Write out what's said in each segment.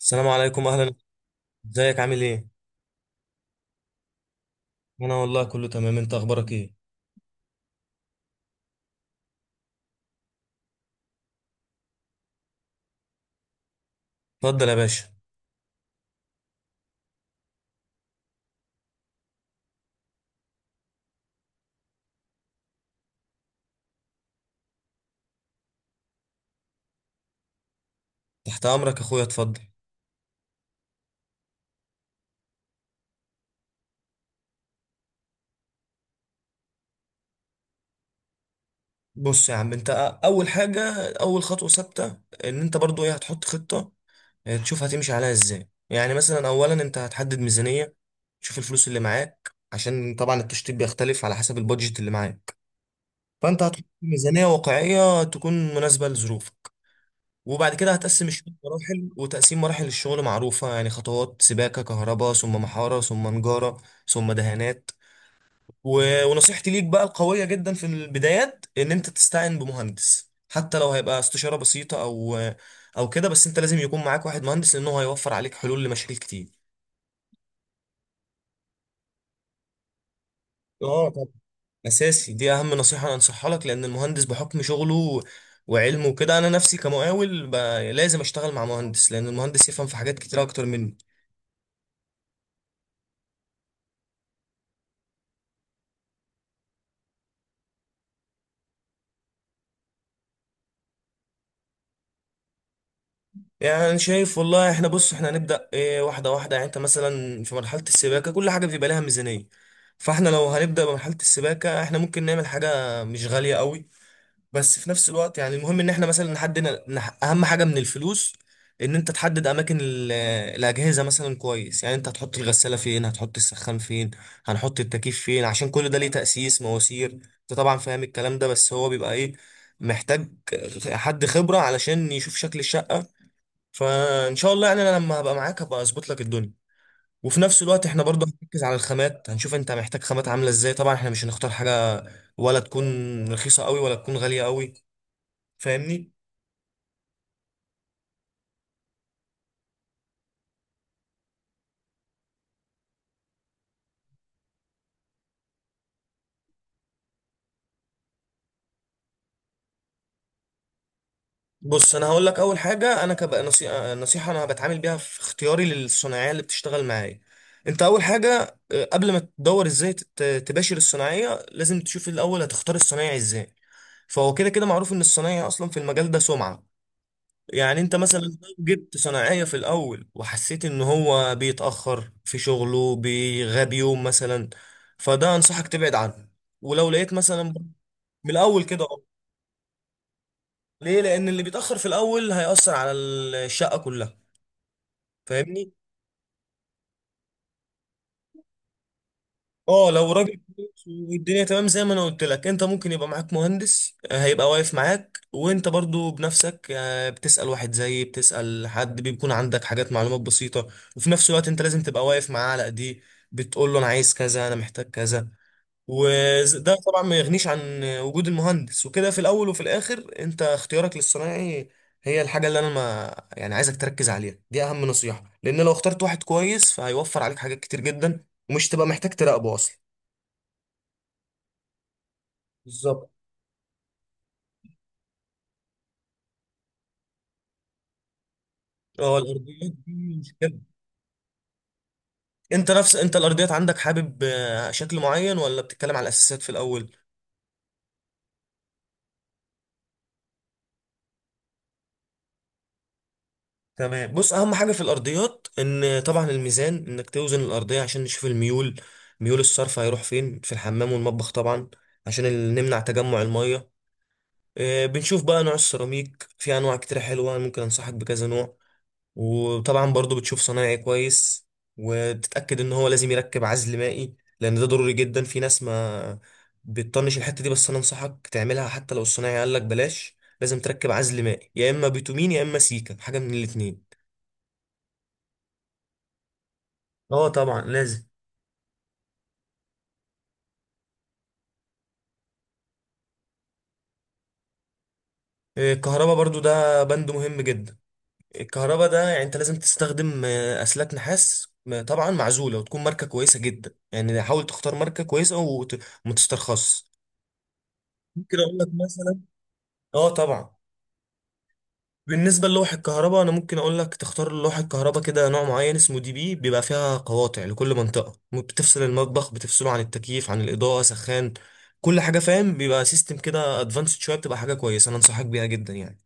السلام عليكم، اهلا. ازيك؟ عامل ايه؟ انا والله كله تمام. انت اخبارك ايه؟ اتفضل يا باشا. تحت امرك يا اخويا، اتفضل. بص يا عم انت، اول حاجه، اول خطوه ثابته ان انت برضو ايه هتحط خطه. اه، تشوف هتمشي عليها ازاي. يعني مثلا اولا انت هتحدد ميزانيه، تشوف الفلوس اللي معاك، عشان طبعا التشطيب بيختلف على حسب البادجت اللي معاك. فانت هتحط ميزانيه واقعيه تكون مناسبه لظروفك. وبعد كده هتقسم الشغل مراحل، وتقسيم مراحل الشغل معروفة يعني: خطوات سباكة، كهرباء، ثم محارة، ثم نجارة، ثم دهانات. ونصيحتي ليك بقى القوية جدا في البدايات إن أنت تستعين بمهندس، حتى لو هيبقى استشارة بسيطة أو كده، بس أنت لازم يكون معاك واحد مهندس، لأنه هيوفر عليك حلول لمشاكل كتير. اه طبعا، اساسي، دي اهم نصيحه انا انصحها لك، لان المهندس بحكم شغله وعلمه وكده. انا نفسي كمقاول، لازم اشتغل مع مهندس، لان المهندس يفهم في حاجات كتير اكتر مني. يعني شايف والله. احنا بص، احنا هنبدأ ايه واحدة واحدة. يعني انت مثلا في مرحلة السباكة كل حاجة بيبقى لها ميزانية، فاحنا لو هنبدأ بمرحلة السباكة احنا ممكن نعمل حاجة مش غالية قوي، بس في نفس الوقت يعني المهم ان احنا مثلا نحدد. اهم حاجة من الفلوس ان انت تحدد اماكن الاجهزة مثلا كويس. يعني انت هتحط الغسالة فين، هتحط السخان فين، هنحط التكييف فين، عشان كل ده ليه تأسيس مواسير. انت طبعا فاهم الكلام ده، بس هو بيبقى ايه، محتاج حد خبرة علشان يشوف شكل الشقة. فان شاء الله يعني انا لما هبقى معاك هبقى اظبط لك الدنيا. وفي نفس الوقت احنا برضه هنركز على الخامات، هنشوف انت محتاج خامات عامله ازاي. طبعا احنا مش هنختار حاجه ولا تكون رخيصه قوي ولا تكون غاليه قوي. فاهمني؟ بص انا هقول لك اول حاجه. انا كبقى نصيحه انا بتعامل بيها في اختياري للصناعيه اللي بتشتغل معايا. انت اول حاجه، اه، قبل ما تدور ازاي تباشر الصناعيه، لازم تشوف الاول هتختار الصنايعي ازاي. فهو كده كده معروف ان الصنايعي اصلا في المجال ده سمعه. يعني انت مثلا لو جبت صناعية في الاول وحسيت ان هو بيتأخر في شغله، بيغاب يوم مثلا، فده انصحك تبعد عنه. ولو لقيت مثلا من الاول كده، اه. ليه؟ لان اللي بيتأخر في الاول هيأثر على الشقة كلها. فاهمني؟ اه، لو راجل كويس والدنيا تمام زي ما انا قلت لك، انت ممكن يبقى معاك مهندس، آه، هيبقى واقف معاك، وانت برضو بنفسك، آه، بتسأل واحد زي بتسأل حد بيكون عندك حاجات معلومات بسيطة. وفي نفس الوقت انت لازم تبقى واقف معاه على ايديه، بتقول له انا عايز كذا، انا محتاج كذا. وده طبعا ما يغنيش عن وجود المهندس وكده. في الاول وفي الاخر انت اختيارك للصنايعي هي الحاجة اللي انا ما يعني عايزك تركز عليها، دي اهم نصيحة، لان لو اخترت واحد كويس فهيوفر عليك حاجات كتير جدا، ومش تبقى محتاج تراقبه اصلا. بالظبط. اه، الارضيات دي مشكله. انت نفس انت الارضيات عندك حابب آه، شكل معين، ولا بتتكلم على الاساسات في الاول؟ تمام. بص اهم حاجه في الارضيات ان طبعا الميزان، انك توزن الارضيه عشان نشوف الميول. ميول الصرف هيروح فين في الحمام والمطبخ طبعا، عشان نمنع تجمع الميه. آه، بنشوف بقى نوع السيراميك، في انواع كتير حلوه ممكن انصحك بكذا نوع. وطبعا برضو بتشوف صنايعي كويس، وتتأكد ان هو لازم يركب عزل مائي، لان ده ضروري جدا. في ناس ما بتطنش الحتة دي، بس انا انصحك تعملها. حتى لو الصنايعي قال لك بلاش، لازم تركب عزل مائي، يا اما بيتومين يا اما سيكا، حاجة من الاتنين. اه طبعا لازم. آه، الكهرباء برضو ده بند مهم جدا. الكهرباء ده يعني انت لازم تستخدم آه، اسلاك نحاس طبعا معزولة، وتكون ماركة كويسة جدا. يعني حاول تختار ماركة كويسة وما تسترخصش. ممكن اقول لك مثلا. اه طبعا. بالنسبة للوح الكهرباء، أنا ممكن أقول لك تختار لوح الكهرباء كده نوع معين اسمه DB، بيبقى فيها قواطع لكل منطقة، بتفصل المطبخ، بتفصله عن التكييف، عن الإضاءة، سخان، كل حاجة، فاهم؟ بيبقى سيستم كده أدفانسد شوية، بتبقى حاجة كويسة، أنا أنصحك بيها جدا يعني.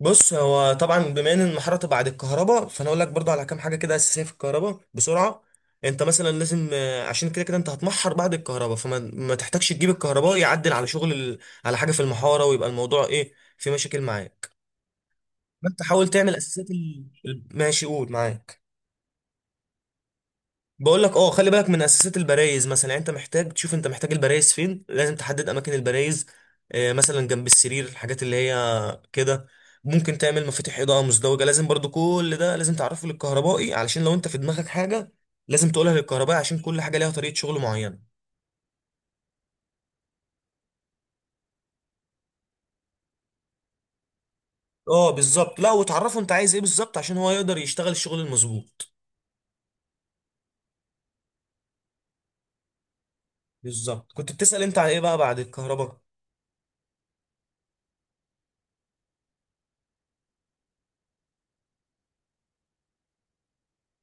بص هو طبعا بما إن المحارة تبقى بعد الكهرباء، فأنا أقول لك برضه على كام حاجة كده أساسية في الكهرباء بسرعة. أنت مثلا لازم آه، عشان كده كده أنت هتمحر بعد الكهرباء، فما ما تحتاجش تجيب الكهرباء يعدل على شغل على حاجة في المحارة، ويبقى الموضوع إيه، في مشاكل معاه. ما انت حاول تعمل اساسات ماشي قول معاك. بقول لك، اه خلي بالك من اساسات البرايز مثلا. يعني انت محتاج تشوف انت محتاج البرايز فين، لازم تحدد اماكن البرايز، آه، مثلا جنب السرير، الحاجات اللي هي كده. ممكن تعمل مفاتيح اضاءه مزدوجه. لازم برضو كل ده لازم تعرفه للكهربائي، علشان لو انت في دماغك حاجه لازم تقولها للكهربائي، عشان كل حاجه ليها طريقه شغل معينه. اه بالظبط، لا وتعرفه انت عايز ايه بالظبط عشان هو يقدر يشتغل الشغل المظبوط. بالظبط. كنت بتسأل انت على ايه بقى بعد الكهرباء.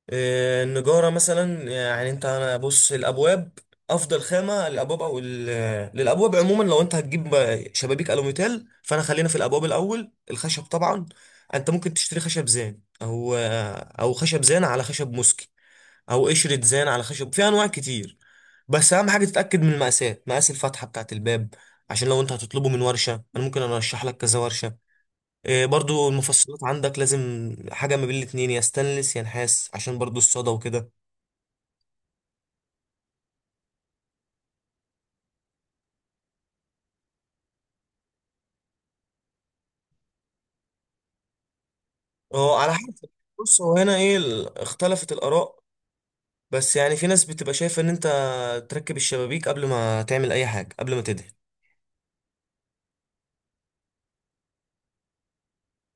آه، النجارة مثلا. يعني انت انا بص، الابواب، افضل خامة للابواب، او للابواب عموما. لو انت هتجيب شبابيك الوميتال، فانا خلينا في الابواب الاول، الخشب طبعا. انت ممكن تشتري خشب زان، او خشب زان على خشب موسكي، او قشرة زان على خشب، في انواع كتير. بس اهم حاجة تتأكد من المقاسات، مقاس الفتحة بتاعة الباب، عشان لو انت هتطلبه من ورشة انا ممكن ارشح لك كذا ورشة. إيه، برضو المفصلات عندك لازم حاجة ما بين الاتنين، يا ستانلس يا نحاس، عشان برضو الصدى وكده. اه على حسب. بص هو هنا ايه اختلفت الآراء. بس يعني في ناس بتبقى شايفة ان انت تركب الشبابيك قبل ما تعمل اي حاجة، قبل ما تدهن.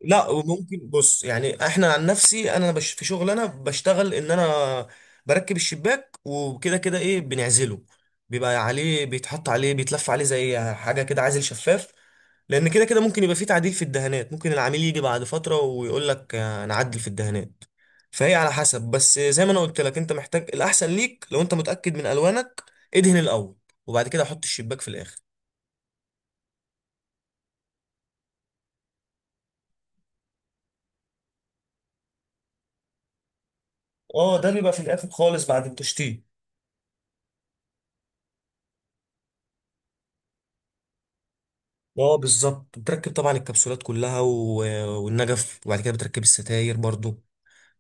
لا وممكن، بص يعني احنا عن نفسي انا في شغل انا بشتغل ان انا بركب الشباك، وكده كده ايه بنعزله، بيبقى عليه، بيتحط عليه، بيتلف عليه زي حاجه كده عازل شفاف. لان كده كده ممكن يبقى فيه تعديل في الدهانات، ممكن العميل يجي بعد فتره ويقول لك آه، نعدل في الدهانات. فهي على حسب. بس زي ما انا قلت لك، انت محتاج الاحسن ليك. لو انت متاكد من الوانك ادهن الاول، وبعد كده حط الشباك في الاخر. اه، ده بيبقى في الاخر خالص بعد التشطيب. اه بالظبط، بتركب طبعا الكبسولات كلها والنجف، وبعد كده بتركب الستاير برضو.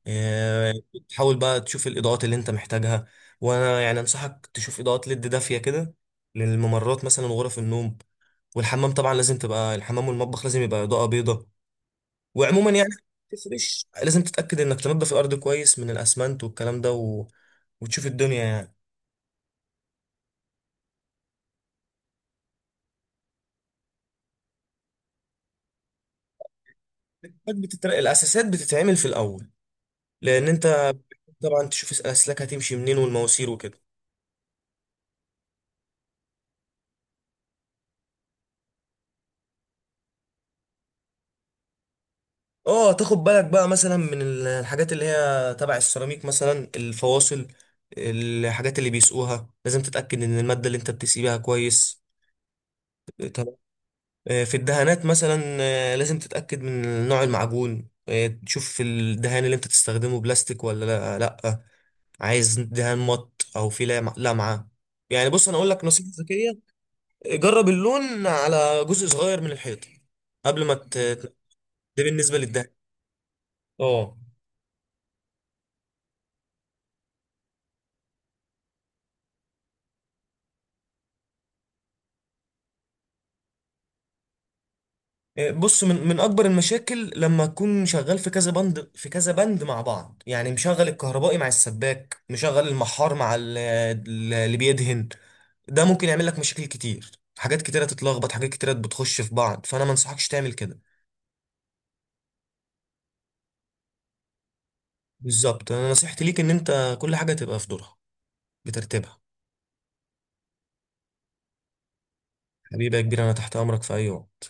آه، تحاول بقى تشوف الاضاءات اللي انت محتاجها. وانا يعني انصحك تشوف اضاءات ليد دافيه كده للممرات مثلا وغرف النوم. والحمام طبعا لازم تبقى، الحمام والمطبخ لازم يبقى اضاءه بيضاء. وعموما يعني تفرش، لازم تتاكد انك تنضف الارض كويس من الاسمنت والكلام ده، وتشوف الدنيا يعني. الاساسات بتتعمل في الاول، لان انت طبعا تشوف الاسلاك هتمشي منين والمواسير وكده. اه، تاخد بالك بقى مثلا من الحاجات اللي هي تبع السيراميك مثلا، الفواصل، الحاجات اللي بيسقوها، لازم تتأكد ان المادة اللي انت بتسيبها كويس. تمام. آه، في الدهانات مثلا آه، لازم تتأكد من نوع المعجون، آه، تشوف الدهان اللي انت تستخدمه بلاستيك ولا لا لا. عايز دهان مط او في لمعة. يعني بص انا اقول لك نصيحة ذكية: جرب اللون على جزء صغير من الحيطة قبل ما ده بالنسبة للدهان. اه، بص من اكبر المشاكل لما تكون شغال في كذا بند في كذا بند مع بعض. يعني مشغل الكهربائي مع السباك، مشغل المحار مع اللي بيدهن، ده ممكن يعمل لك مشاكل كتير، حاجات كتيرة تتلخبط، حاجات كتيرة بتخش في بعض، فانا ما انصحكش تعمل كده. بالظبط. انا نصيحتي ليك ان انت كل حاجة تبقى في دورها، بترتيبها. حبيبي يا كبير، انا تحت امرك في اي وقت.